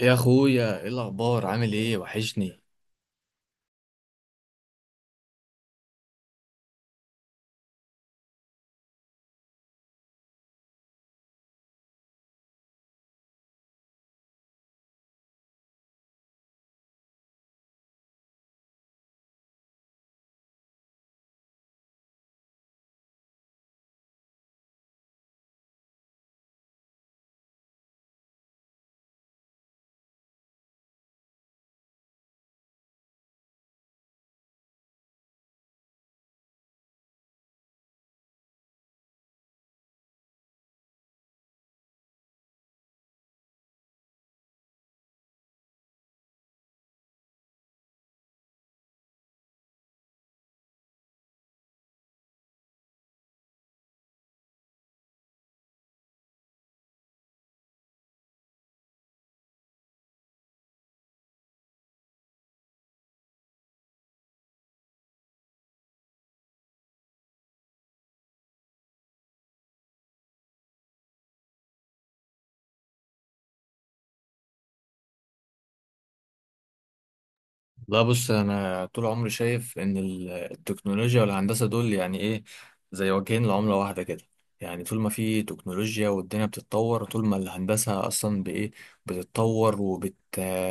يا اخويا، ايه الاخبار؟ عامل ايه؟ وحشني. لا، بص، انا طول عمري شايف ان التكنولوجيا والهندسه دول يعني ايه، زي وجهين لعمله واحده كده. يعني طول ما في تكنولوجيا والدنيا بتتطور، طول ما الهندسه اصلا بايه، بتتطور وبت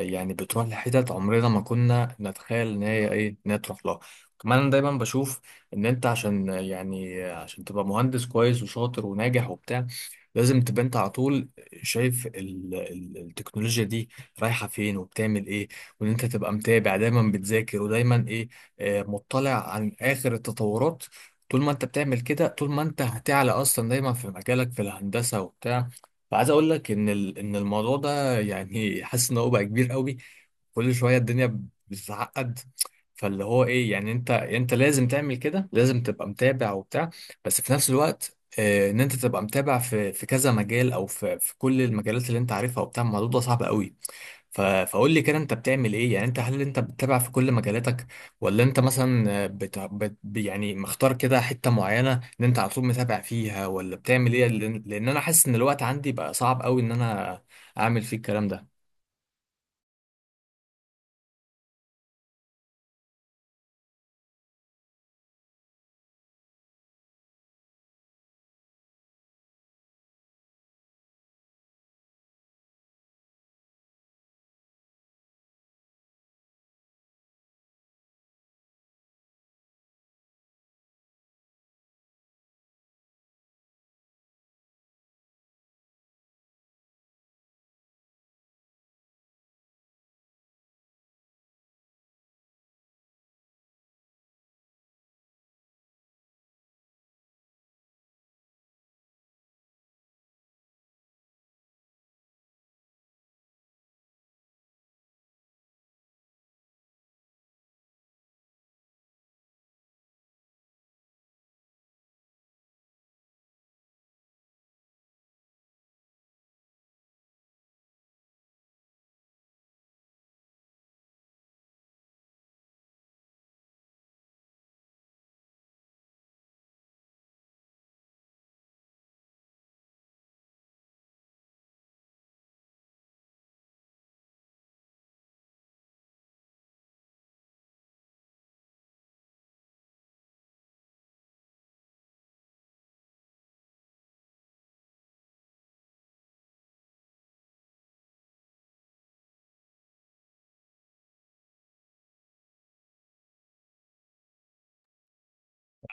يعني بتروح لحتت عمرنا ما كنا نتخيل ان هي ايه، ان هي تروح لها. كمان انا دايما بشوف ان انت عشان تبقى مهندس كويس وشاطر وناجح وبتاع، لازم تبقى انت على طول شايف التكنولوجيا دي رايحه فين وبتعمل ايه. وان انت تبقى متابع دايما بتذاكر ودايما ايه، مطلع عن اخر التطورات. طول ما انت بتعمل كده، طول ما انت هتعلى اصلا دايما في مجالك في الهندسه وبتاع. فعايز اقول لك ان ان الموضوع ده يعني حاسس ان هو بقى كبير قوي. كل شويه الدنيا بتتعقد. فاللي هو ايه، يعني انت لازم تعمل كده، لازم تبقى متابع وبتاع. بس في نفس الوقت ان انت تبقى متابع في كذا مجال او في كل المجالات اللي انت عارفها وبتاع، الموضوع ده صعب قوي. فقول لي كده، انت بتعمل ايه؟ يعني انت هل انت بتتابع في كل مجالاتك، ولا انت مثلا يعني مختار كده حتة معينة ان انت على طول متابع فيها، ولا بتعمل ايه؟ لأن انا حاسس ان الوقت عندي بقى صعب قوي ان انا اعمل فيه الكلام ده.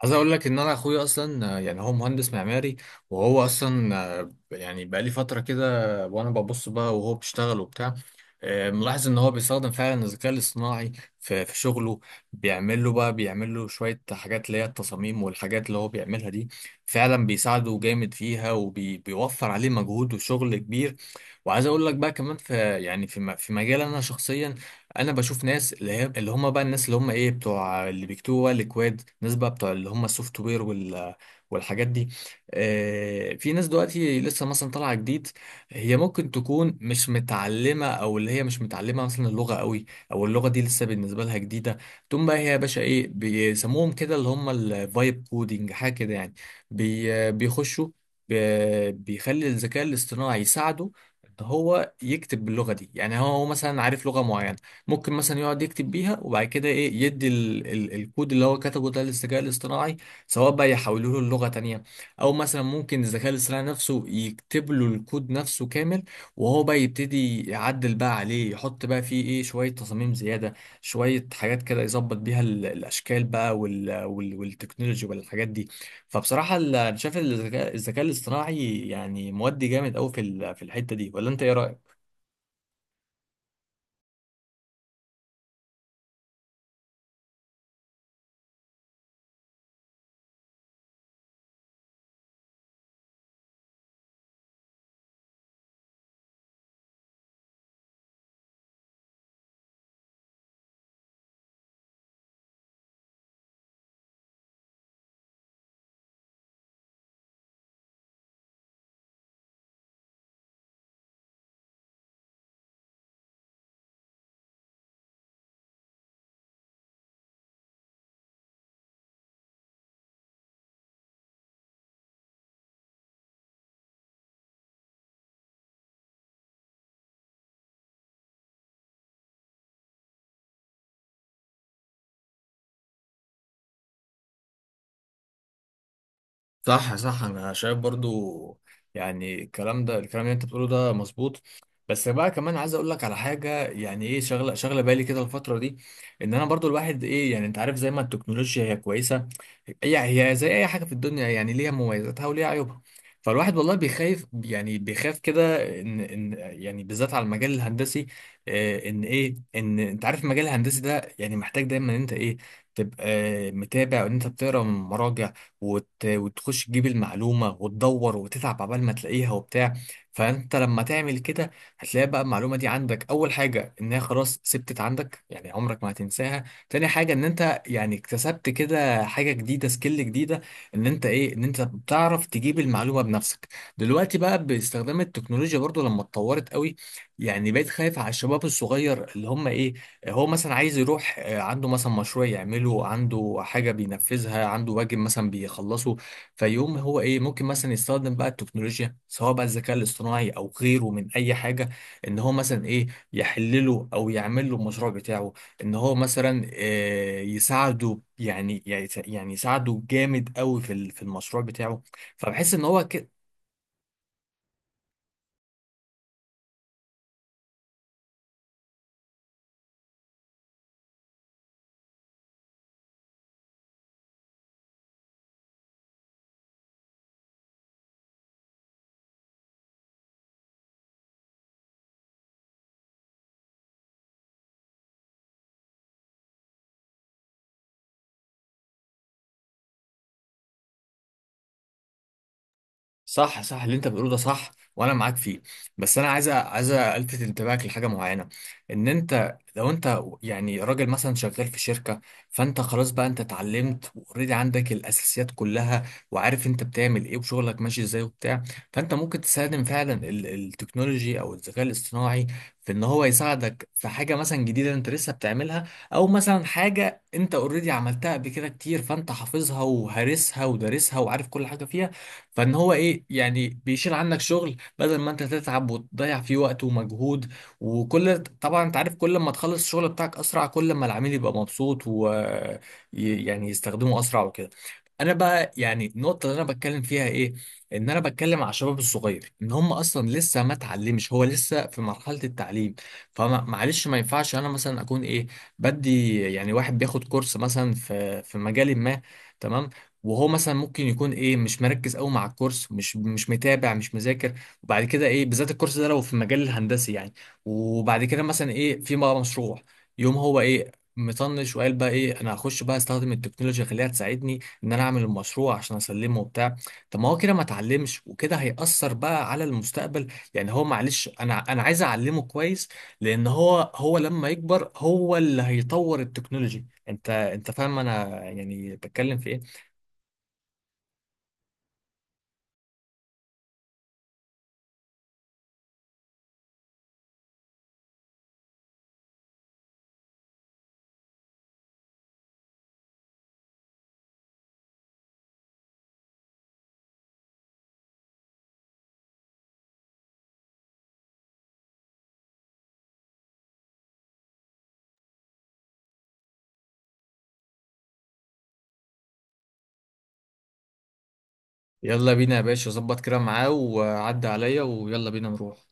عايز اقول لك ان انا اخويا اصلا يعني هو مهندس معماري. وهو اصلا يعني بقى لي فتره كده وانا ببص بقى وهو بيشتغل وبتاع. ملاحظ ان هو بيستخدم فعلا الذكاء الاصطناعي في شغله. بيعمل له شويه حاجات اللي هي التصاميم والحاجات اللي هو بيعملها دي، فعلا بيساعده جامد فيها، وبيوفر عليه مجهود وشغل كبير. وعايز اقول لك بقى كمان في، يعني في في مجال، انا شخصيا انا بشوف ناس اللي هي اللي هم بقى، الناس اللي هم ايه، بتوع اللي بيكتبوا بقى الاكواد، ناس بقى بتوع اللي هم السوفت وير وال والحاجات دي. آه، في ناس دلوقتي لسه مثلا طالعه جديد، هي ممكن تكون مش متعلمه، او اللي هي مش متعلمه مثلا اللغه قوي، او اللغه دي لسه بالنسبه لها جديده. تقوم بقى هي يا باشا، ايه بيسموهم كده، اللي هم الفايب كودينج، حاجه كده يعني. بي بيخشوا بيخلي الذكاء الاصطناعي يساعده ان هو يكتب باللغه دي. يعني هو مثلا عارف لغه معينه، ممكن مثلا يقعد يكتب بيها، وبعد كده ايه، يدي ال الكود اللي هو كتبه ده للذكاء الاصطناعي، سواء بقى يحوله له لغة تانية، او مثلا ممكن الذكاء الاصطناعي نفسه يكتب له الكود نفسه كامل. وهو بقى يبتدي يعدل بقى عليه، يحط بقى فيه ايه، شوية تصاميم زيادة، شوية حاجات كده يظبط بيها الاشكال بقى والتكنولوجي والحاجات دي. فبصراحة انا شايف الذكاء الاصطناعي يعني مودي جامد قوي في الحتة دي، ولا انت ايه رأيك؟ صح، صح، انا شايف برضو، يعني الكلام ده، الكلام اللي انت بتقوله ده مظبوط. بس بقى كمان عايز اقول لك على حاجه، يعني ايه، شغله بالي كده الفتره دي. ان انا برضو الواحد ايه، يعني انت عارف زي ما التكنولوجيا هي كويسه، هي زي اي حاجه في الدنيا، يعني ليها مميزاتها وليها عيوبها. فالواحد والله بيخاف، يعني بيخاف كده ان يعني بالذات على المجال الهندسي. ان ايه، ان انت عارف المجال الهندسي ده يعني محتاج دايما ان انت ايه، تبقى متابع، وان انت بتقرا من مراجع وتخش تجيب المعلومة وتدور وتتعب عبال ما تلاقيها وبتاع. فأنت لما تعمل كده هتلاقي بقى المعلومة دي عندك، أول حاجة إنها خلاص ثبتت عندك، يعني عمرك ما هتنساها. تاني حاجة إن أنت يعني اكتسبت كده حاجة جديدة، سكيل جديدة، إن أنت إيه، إن أنت بتعرف تجيب المعلومة بنفسك. دلوقتي بقى باستخدام التكنولوجيا برضو لما اتطورت قوي، يعني بقيت خايف على الشباب الصغير، اللي هم إيه، هو مثلا عايز يروح، عنده مثلا مشروع يعمله، عنده حاجة بينفذها، عنده واجب مثلا بيخلصه. فيقوم هو ايه، ممكن مثلا يستخدم بقى التكنولوجيا، سواء بقى الذكاء الاصطناعي او غيره من اي حاجة، ان هو مثلا ايه، يحلله او يعمل له المشروع بتاعه. ان هو مثلا يساعده، يعني يساعده جامد قوي في المشروع بتاعه. فبحس ان هو. صح، صح، اللي انت بتقوله ده صح، وانا معاك فيه. بس انا عايز عايز الفت انتباهك لحاجه معينه. ان انت لو انت يعني راجل مثلا شغال في شركه، فانت خلاص بقى، انت اتعلمت واوريدي عندك الاساسيات كلها، وعارف انت بتعمل ايه وشغلك ماشي ازاي وبتاع. فانت ممكن تستخدم فعلا التكنولوجي او الذكاء الاصطناعي في ان هو يساعدك في حاجه مثلا جديده انت لسه بتعملها، او مثلا حاجه انت اوريدي عملتها قبل كده كتير، فانت حافظها وهارسها ودارسها وعارف كل حاجه فيها. فان هو ايه، يعني بيشيل عنك شغل، بدل ما انت تتعب وتضيع فيه وقت ومجهود. وكل، طبعا انت عارف، كل ما تخلص الشغل بتاعك اسرع، كل ما العميل يبقى مبسوط و يعني يستخدمه اسرع وكده. انا بقى يعني النقطه اللي انا بتكلم فيها ايه، ان انا بتكلم على الشباب الصغير، ان هم اصلا لسه ما اتعلمش، هو لسه في مرحله التعليم. فمعلش، ما ينفعش انا مثلا اكون ايه، بدي يعني واحد بياخد كورس مثلا في مجال ما، تمام، وهو مثلا ممكن يكون ايه، مش مركز قوي مع الكورس، مش متابع، مش مذاكر. وبعد كده ايه، بالذات الكورس ده لو في المجال الهندسي يعني، وبعد كده مثلا ايه، في بقى مشروع، يوم هو ايه، مطنش وقال بقى ايه، انا هخش بقى استخدم التكنولوجيا، خليها تساعدني ان انا اعمل المشروع عشان اسلمه وبتاع. طب ما هو كده ما اتعلمش، وكده هيأثر بقى على المستقبل. يعني هو معلش، انا عايز اعلمه كويس، لان هو لما يكبر هو اللي هيطور التكنولوجي، انت فاهم انا يعني بتكلم في ايه؟ يلا بينا يا باشا، ظبط كده معاه وعدي عليا، ويلا بينا نروح.